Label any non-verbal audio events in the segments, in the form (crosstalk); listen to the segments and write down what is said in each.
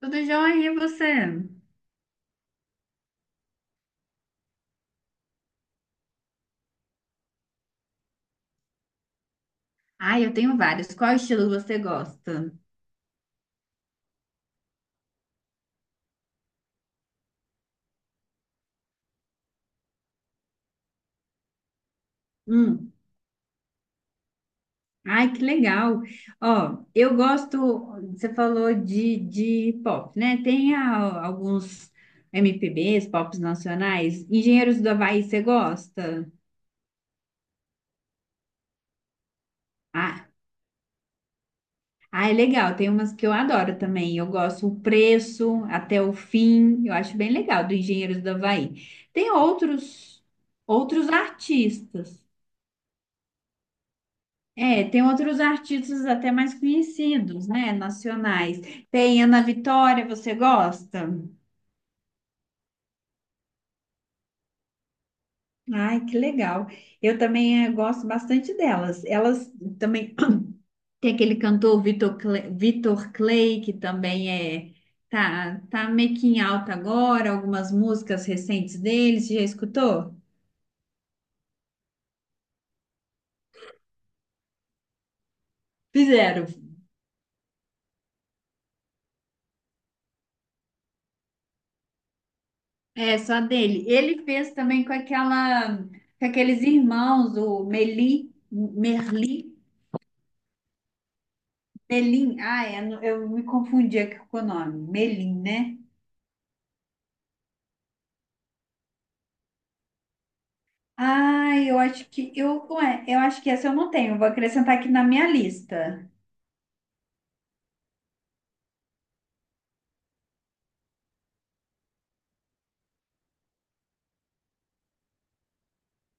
Tudo jóia, e você? Ai, eu tenho vários. Qual estilo você gosta? Hum. Ai, que legal. Ó, eu gosto, você falou de pop, né? Tem alguns MPBs, pops nacionais. Engenheiros do Havaí, você gosta? Ah, ah, é legal. Tem umas que eu adoro também. Eu gosto o preço, até o fim. Eu acho bem legal do Engenheiros do Havaí. Tem outros artistas. É, tem outros artistas até mais conhecidos, né, nacionais. Tem Ana Vitória, você gosta? Ai, que legal. Eu também gosto bastante delas. Elas também (clears throat) tem aquele cantor Vitor Clay, que também é tá meio que em alta agora, algumas músicas recentes dele, você já escutou? Fizeram. É, só dele. Ele fez também com aquela com aqueles irmãos, o Merli. Melim? Ah, é, eu me confundi aqui com o nome. Melim, né? Ah, eu acho que eu acho que essa eu não tenho. Vou acrescentar aqui na minha lista.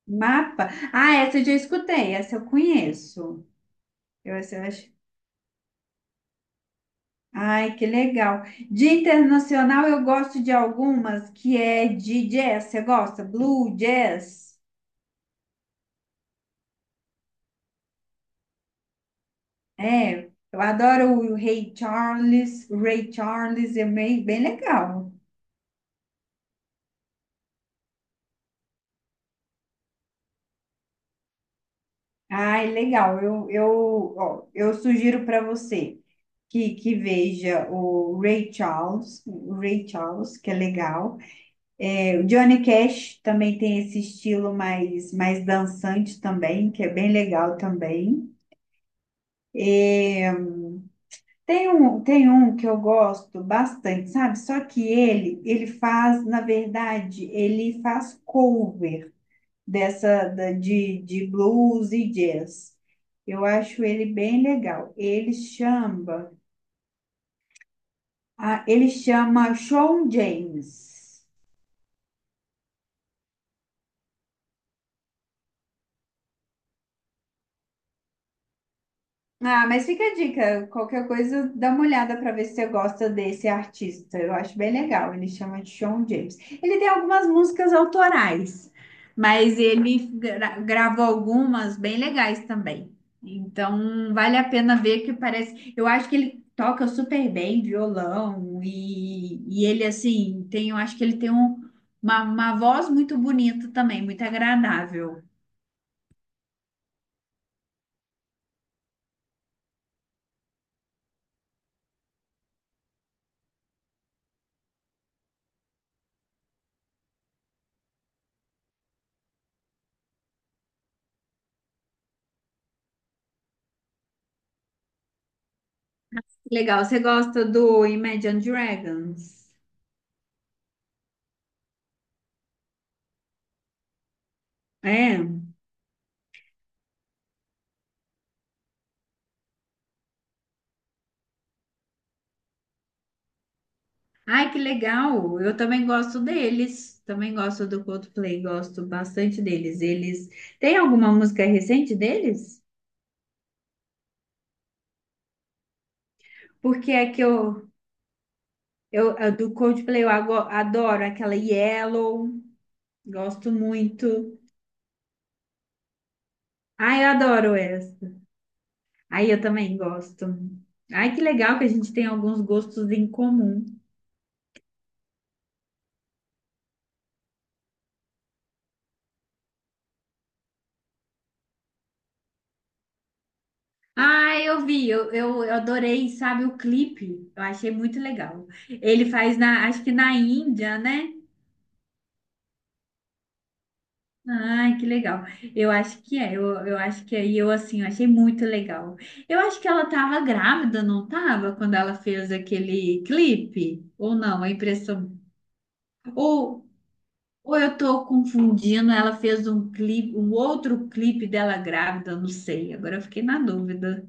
Mapa. Ah, essa eu já escutei, essa eu conheço. Essa eu acho. Ai, que legal. De internacional eu gosto de algumas que é de jazz. Você gosta? Blue jazz? É, eu adoro o Ray Charles, é meio bem legal. Ai, legal. Ó, eu sugiro para você que veja o Ray Charles, que é legal. É, o Johnny Cash também tem esse estilo mais dançante também, que é bem legal também. É, tem um que eu gosto bastante, sabe? Só que ele faz, na verdade, ele faz cover dessa de blues e jazz. Eu acho ele bem legal. Ele chama, ah, ele chama Shawn James. Ah, mas fica a dica. Qualquer coisa, dá uma olhada para ver se você gosta desse artista. Eu acho bem legal. Ele chama de Shawn James. Ele tem algumas músicas autorais, mas ele gravou algumas bem legais também. Então, vale a pena ver que parece. Eu acho que ele toca super bem violão e ele, assim, tem, eu acho que ele tem uma voz muito bonita também, muito agradável. Legal. Você gosta do Imagine Dragons? É. Ai, que legal! Eu também gosto deles. Também gosto do Coldplay, gosto bastante deles. Eles tem alguma música recente deles? Porque é que eu a do Coldplay eu adoro aquela Yellow, gosto muito. Ai, eu adoro essa. Ai, eu também gosto. Ai, que legal que a gente tem alguns gostos em comum. Ai, eu vi, eu adorei, sabe, o clipe. Eu achei muito legal. Ele faz na, acho que na Índia, né? Ai, que legal. Eu acho que é, eu acho que aí eu assim, eu achei muito legal. Eu acho que ela tava grávida, não tava, quando ela fez aquele clipe, ou não, a impressão. Ou, ou eu tô confundindo, ela fez um clipe, um outro clipe dela grávida, eu não sei. Agora eu fiquei na dúvida.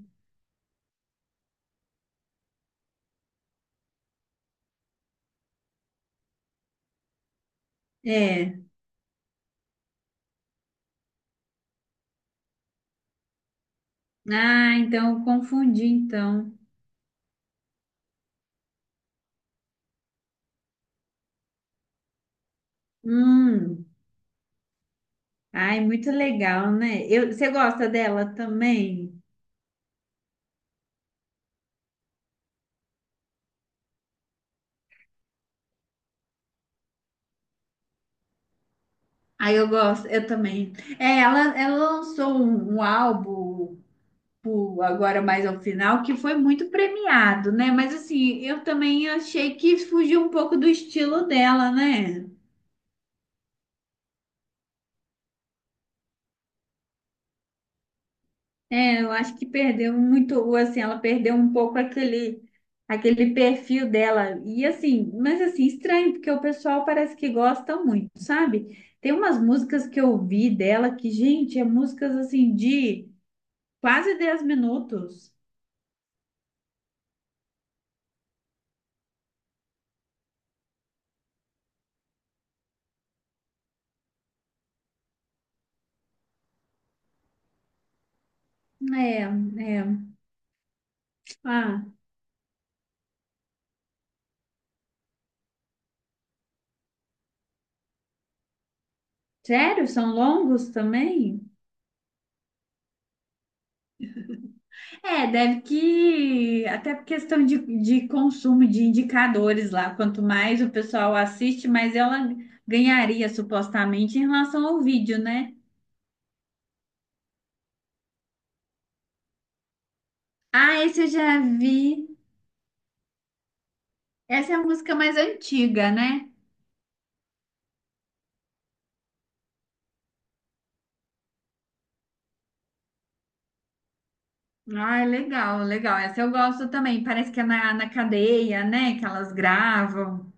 É. Ah, então eu confundi então. Hum. Ai, muito legal, né? Você gosta dela também? Aí eu gosto, eu também. É, ela lançou um álbum agora mais ao final que foi muito premiado, né? Mas assim, eu também achei que fugiu um pouco do estilo dela, né? É, eu acho que perdeu muito, assim, ela perdeu um pouco aquele perfil dela. E assim, mas assim, estranho, porque o pessoal parece que gosta muito, sabe? Tem umas músicas que eu ouvi dela que, gente, é músicas assim de quase 10 minutos. É. Ah, sério? São longos também? É, deve que até por questão de consumo de indicadores lá. Quanto mais o pessoal assiste, mais ela ganharia supostamente em relação ao vídeo, né? Ah, esse eu já vi. Essa é a música mais antiga, né? Ah, legal, legal. Essa eu gosto também. Parece que é na, na cadeia, né? Que elas gravam.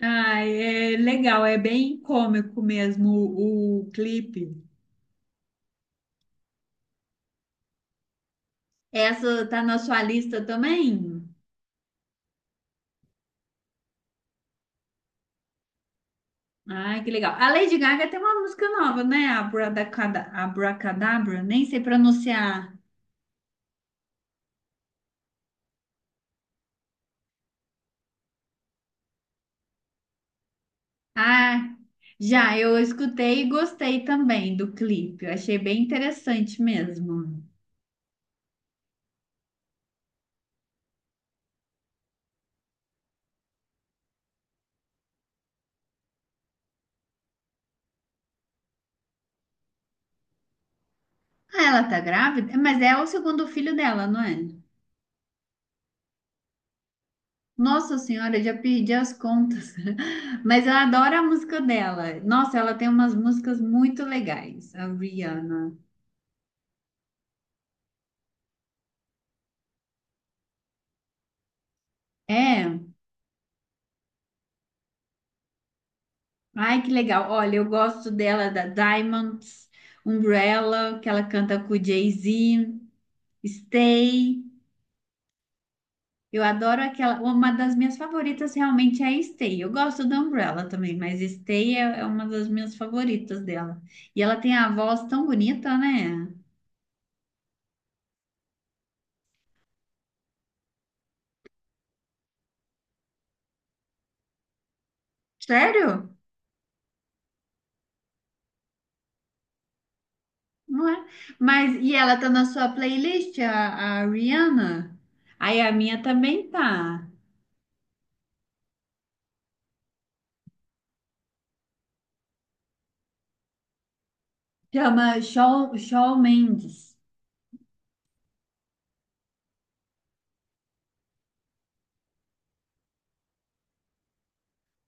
Ah, é legal, é bem cômico mesmo o clipe. Essa tá na sua lista também? Ai, que legal. A Lady Gaga tem uma música nova, né? Abracadabra, nem sei pronunciar. Ah, já, eu escutei e gostei também do clipe. Eu achei bem interessante mesmo. Ah, ela tá grávida? Mas é o segundo filho dela, não é? Nossa Senhora, eu já perdi as contas. (laughs) Mas eu adoro a música dela. Nossa, ela tem umas músicas muito legais, a Rihanna. É. Ai, que legal. Olha, eu gosto dela da Diamonds, Umbrella, que ela canta com o Jay-Z, Stay. Eu adoro aquela. Uma das minhas favoritas realmente é a Stay. Eu gosto da Umbrella também, mas Stay é uma das minhas favoritas dela. E ela tem a voz tão bonita, né? Sério? Não é? Mas e ela tá na sua playlist, a Rihanna? Aí a minha também tá. Chama Shawn Mendes.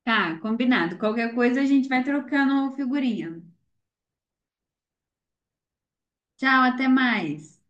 Tá, combinado. Qualquer coisa a gente vai trocando figurinha. Tchau, até mais.